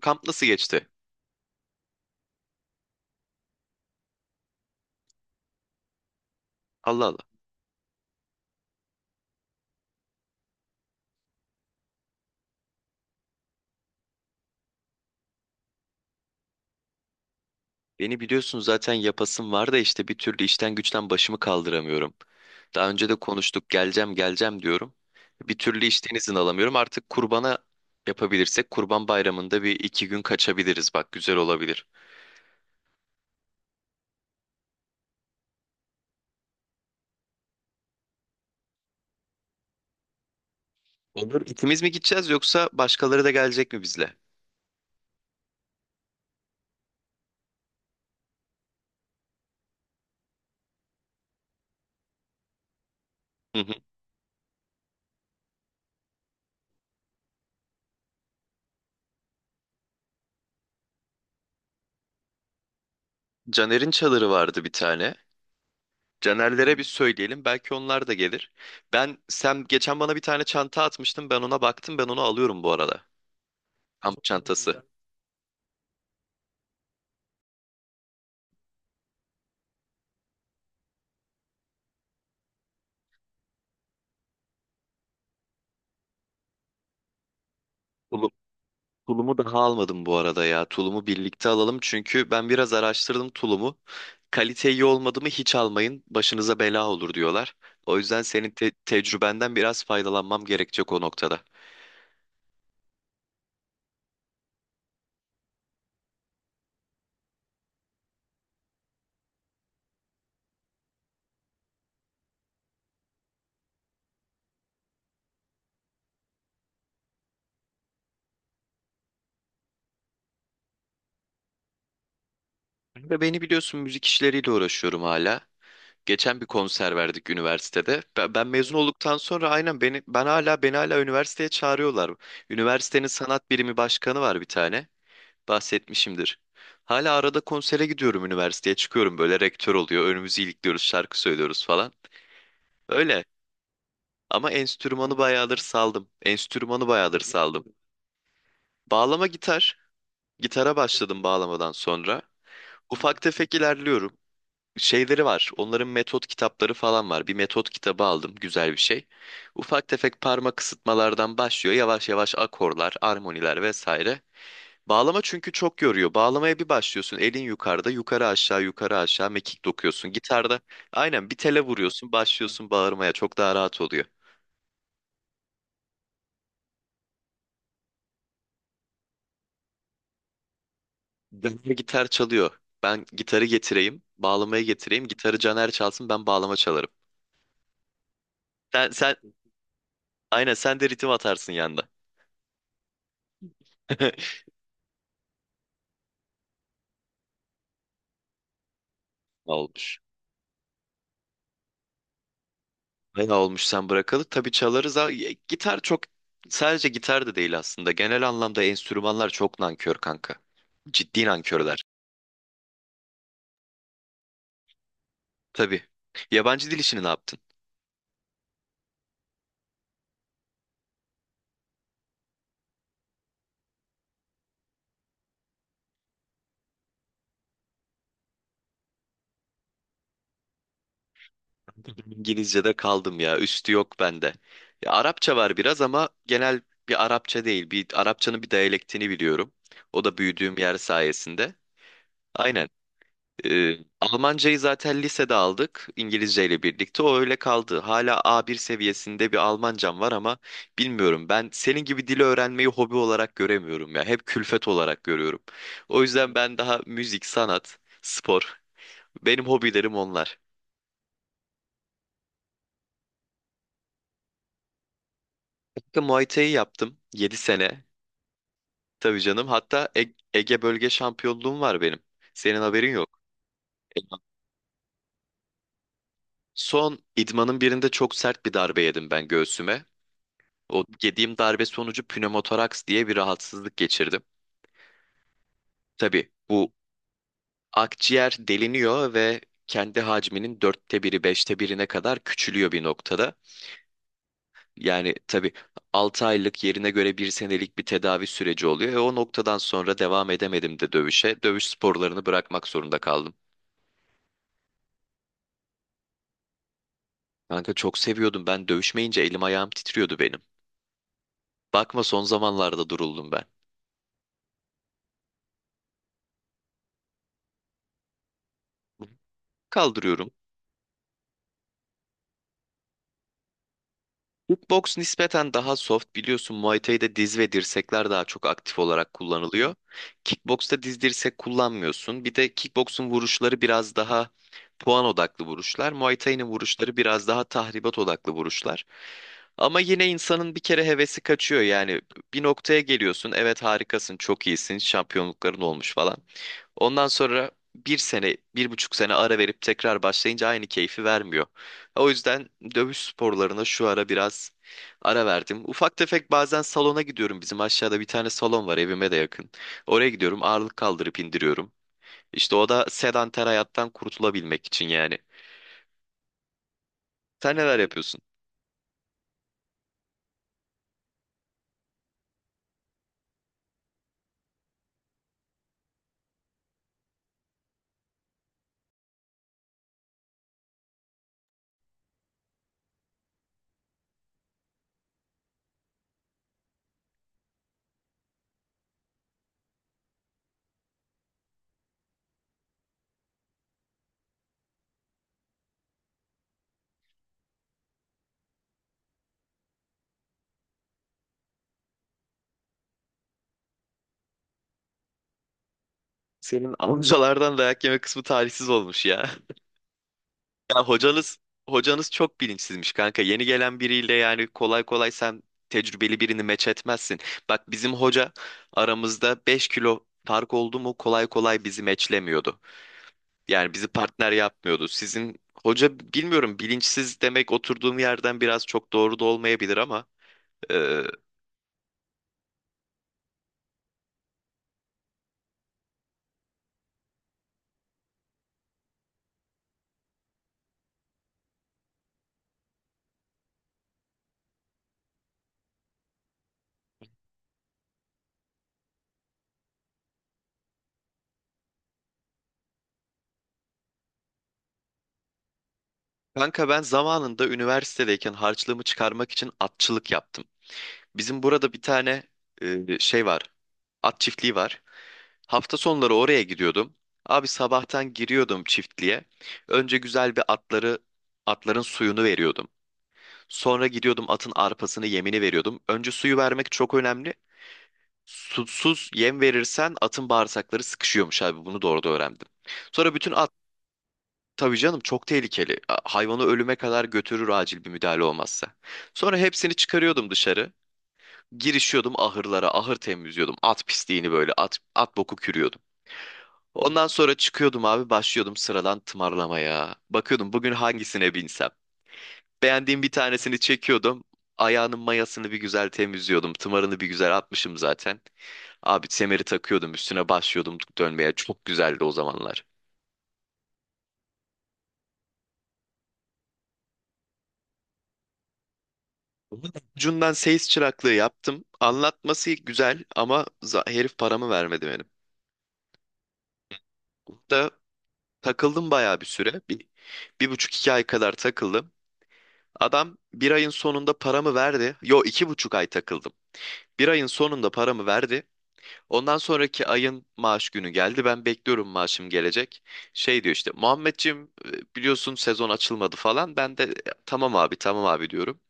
Kamp nasıl geçti? Allah Allah. Beni biliyorsun zaten yapasım var da işte bir türlü işten güçten başımı kaldıramıyorum. Daha önce de konuştuk, geleceğim geleceğim diyorum. Bir türlü işten izin alamıyorum. Artık kurbana yapabilirsek kurban bayramında bir iki gün kaçabiliriz. Bak, güzel olabilir. Olur. İkimiz mi gideceğiz, yoksa başkaları da gelecek mi bizle? Hı hı. Caner'in çadırı vardı bir tane. Caner'lere bir söyleyelim, belki onlar da gelir. Sen geçen bana bir tane çanta atmıştın. Ben ona baktım. Ben onu alıyorum bu arada. Kamp çantası. Tulum- Tulumu daha almadım bu arada ya. Tulumu birlikte alalım, çünkü ben biraz araştırdım tulumu. Kalite iyi olmadı mı hiç almayın, başınıza bela olur diyorlar. O yüzden senin tecrübenden biraz faydalanmam gerekecek o noktada. Ve beni biliyorsun, müzik işleriyle uğraşıyorum hala. Geçen bir konser verdik üniversitede. Ben mezun olduktan sonra, beni hala üniversiteye çağırıyorlar. Üniversitenin sanat birimi başkanı var bir tane, bahsetmişimdir. Hala arada konsere gidiyorum, üniversiteye çıkıyorum, böyle rektör oluyor, önümüzü ilikliyoruz, şarkı söylüyoruz falan. Öyle. Ama enstrümanı bayağıdır saldım. Enstrümanı bayağıdır saldım. Bağlama, gitar. Gitara başladım bağlamadan sonra. Ufak tefek ilerliyorum. Şeyleri var, onların metot kitapları falan var. Bir metot kitabı aldım, güzel bir şey. Ufak tefek parmak ısıtmalardan başlıyor. Yavaş yavaş akorlar, armoniler vesaire. Bağlama çünkü çok yoruyor. Bağlamaya bir başlıyorsun, elin yukarıda, yukarı aşağı, yukarı aşağı mekik dokuyorsun. Gitarda aynen bir tele vuruyorsun, başlıyorsun bağırmaya. Çok daha rahat oluyor. Caner gitar çalıyor. Ben gitarı getireyim, bağlamayı getireyim. Gitarı Caner çalsın, ben bağlama çalarım. Sen, sen aynen sen de ritim atarsın yanda. Olmuş. Bayağı olmuş sen bırakalı. Tabii çalarız, ha. Ya, Gitar çok sadece gitar da değil aslında. Genel anlamda enstrümanlar çok nankör, kanka. Ciddi nankörler. Tabii. Yabancı dil işini ne yaptın? İngilizce'de kaldım ya, üstü yok bende. Ya Arapça var biraz ama genel bir Arapça değil. Bir Arapçanın bir diyalektini biliyorum. O da büyüdüğüm yer sayesinde. Aynen. Almancayı zaten lisede aldık İngilizce ile birlikte. O öyle kaldı. Hala A1 seviyesinde bir Almancam var, ama bilmiyorum. Ben senin gibi dili öğrenmeyi hobi olarak göremiyorum ya, hep külfet olarak görüyorum. O yüzden ben daha müzik, sanat, spor. Benim hobilerim onlar. Kanka, Muay Thai yaptım 7 sene. Tabii canım. Hatta Ege bölge şampiyonluğum var benim. Senin haberin yok. Elvan. Son idmanın birinde çok sert bir darbe yedim ben göğsüme. O yediğim darbe sonucu pnömotoraks diye bir rahatsızlık geçirdim. Tabii bu, akciğer deliniyor ve kendi hacminin 1/4'i, 1/5'ine kadar küçülüyor bir noktada. Yani tabii 6 aylık, yerine göre bir senelik bir tedavi süreci oluyor. E, o noktadan sonra devam edemedim de dövüşe. Dövüş sporlarını bırakmak zorunda kaldım. Kanka, çok seviyordum, ben dövüşmeyince elim ayağım titriyordu benim. Bakma, son zamanlarda duruldum ben. Kaldırıyorum. Boks nispeten daha soft, biliyorsun. Muay Thai'de diz ve dirsekler daha çok aktif olarak kullanılıyor. Kickbox'ta diz dirsek kullanmıyorsun. Bir de kickbox'un vuruşları biraz daha puan odaklı vuruşlar. Muay Thai'nin vuruşları biraz daha tahribat odaklı vuruşlar. Ama yine insanın bir kere hevesi kaçıyor yani. Bir noktaya geliyorsun, evet harikasın, çok iyisin, şampiyonlukların olmuş falan. Ondan sonra bir sene, bir buçuk sene ara verip tekrar başlayınca aynı keyfi vermiyor. O yüzden dövüş sporlarına şu ara biraz ara verdim. Ufak tefek bazen salona gidiyorum. Bizim aşağıda bir tane salon var, evime de yakın. Oraya gidiyorum, ağırlık kaldırıp indiriyorum. İşte o da sedanter hayattan kurtulabilmek için yani. Sen neler yapıyorsun? Senin amcalardan dayak yeme kısmı talihsiz olmuş ya. Ya, hocanız çok bilinçsizmiş, kanka. Yeni gelen biriyle yani kolay kolay sen tecrübeli birini meç etmezsin. Bak bizim hoca, aramızda 5 kilo fark oldu mu kolay kolay bizi meçlemiyordu. Yani bizi partner yapmıyordu. Sizin hoca bilmiyorum, bilinçsiz demek oturduğum yerden biraz çok doğru da olmayabilir ama e, kanka ben zamanında üniversitedeyken harçlığımı çıkarmak için atçılık yaptım. Bizim burada bir tane şey var. At çiftliği var. Hafta sonları oraya gidiyordum. Abi, sabahtan giriyordum çiftliğe. Önce güzel atların suyunu veriyordum. Sonra gidiyordum, atın arpasını, yemini veriyordum. Önce suyu vermek çok önemli. Susuz yem verirsen atın bağırsakları sıkışıyormuş abi. Bunu doğru da öğrendim. Sonra bütün at. Tabii canım, çok tehlikeli. Hayvanı ölüme kadar götürür acil bir müdahale olmazsa. Sonra hepsini çıkarıyordum dışarı. Girişiyordum ahırlara, ahır temizliyordum. At pisliğini, böyle at boku kürüyordum. Ondan sonra çıkıyordum abi, başlıyordum sıradan tımarlamaya. Bakıyordum bugün hangisine binsem. Beğendiğim bir tanesini çekiyordum. Ayağının mayasını bir güzel temizliyordum. Tımarını bir güzel atmışım zaten. Abi, semeri takıyordum üstüne, başlıyordum dönmeye. Çok güzeldi o zamanlar. Bunun ucundan seyis çıraklığı yaptım. Anlatması güzel ama herif paramı vermedi benim. Da takıldım bayağı bir süre. Bir, bir buçuk, iki ay kadar takıldım. Adam bir ayın sonunda paramı verdi. Yo, 2,5 ay takıldım. Bir ayın sonunda paramı verdi. Ondan sonraki ayın maaş günü geldi. Ben bekliyorum, maaşım gelecek. Şey diyor işte, "Muhammedciğim, biliyorsun sezon açılmadı" falan. Ben de, "E, tamam abi, tamam abi" diyorum.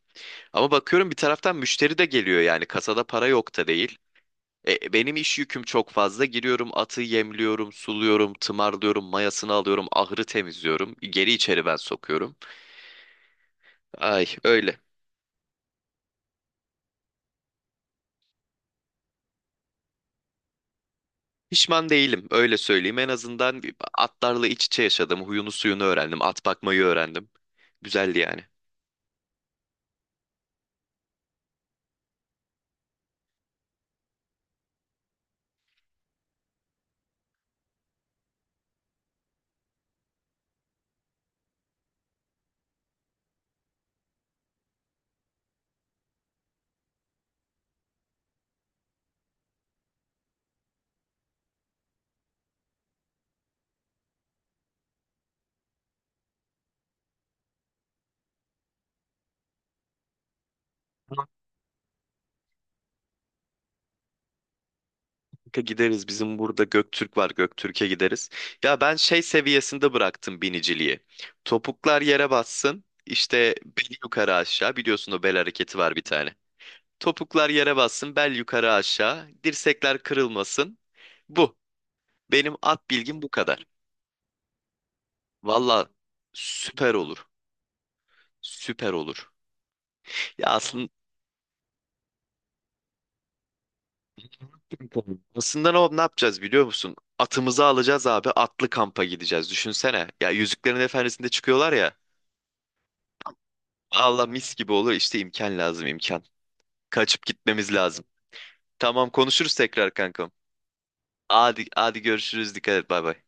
Ama bakıyorum bir taraftan müşteri de geliyor, yani kasada para yok da değil. Benim iş yüküm çok fazla. Giriyorum, atı yemliyorum, suluyorum, tımarlıyorum, mayasını alıyorum, ahırı temizliyorum. Geri içeri ben sokuyorum. Ay, öyle. Pişman değilim, öyle söyleyeyim. En azından atlarla iç içe yaşadım. Huyunu suyunu öğrendim. At bakmayı öğrendim. Güzeldi yani. Kanka gideriz. Bizim burada Göktürk var, Göktürk'e gideriz. Ya ben şey seviyesinde bıraktım biniciliği. Topuklar yere bassın, İşte bel yukarı aşağı, biliyorsun o bel hareketi var bir tane. Topuklar yere bassın, bel yukarı aşağı, dirsekler kırılmasın, bu. Benim at bilgim bu kadar. Valla süper olur, süper olur. Ya aslında tamam. Aslında ne yapacağız biliyor musun? Atımızı alacağız abi. Atlı kampa gideceğiz. Düşünsene. Ya Yüzüklerin Efendisi'nde çıkıyorlar ya. Allah, mis gibi olur. İşte imkan lazım, imkan. Kaçıp gitmemiz lazım. Tamam, konuşuruz tekrar kankam. Hadi, hadi görüşürüz. Dikkat et. Bay bay.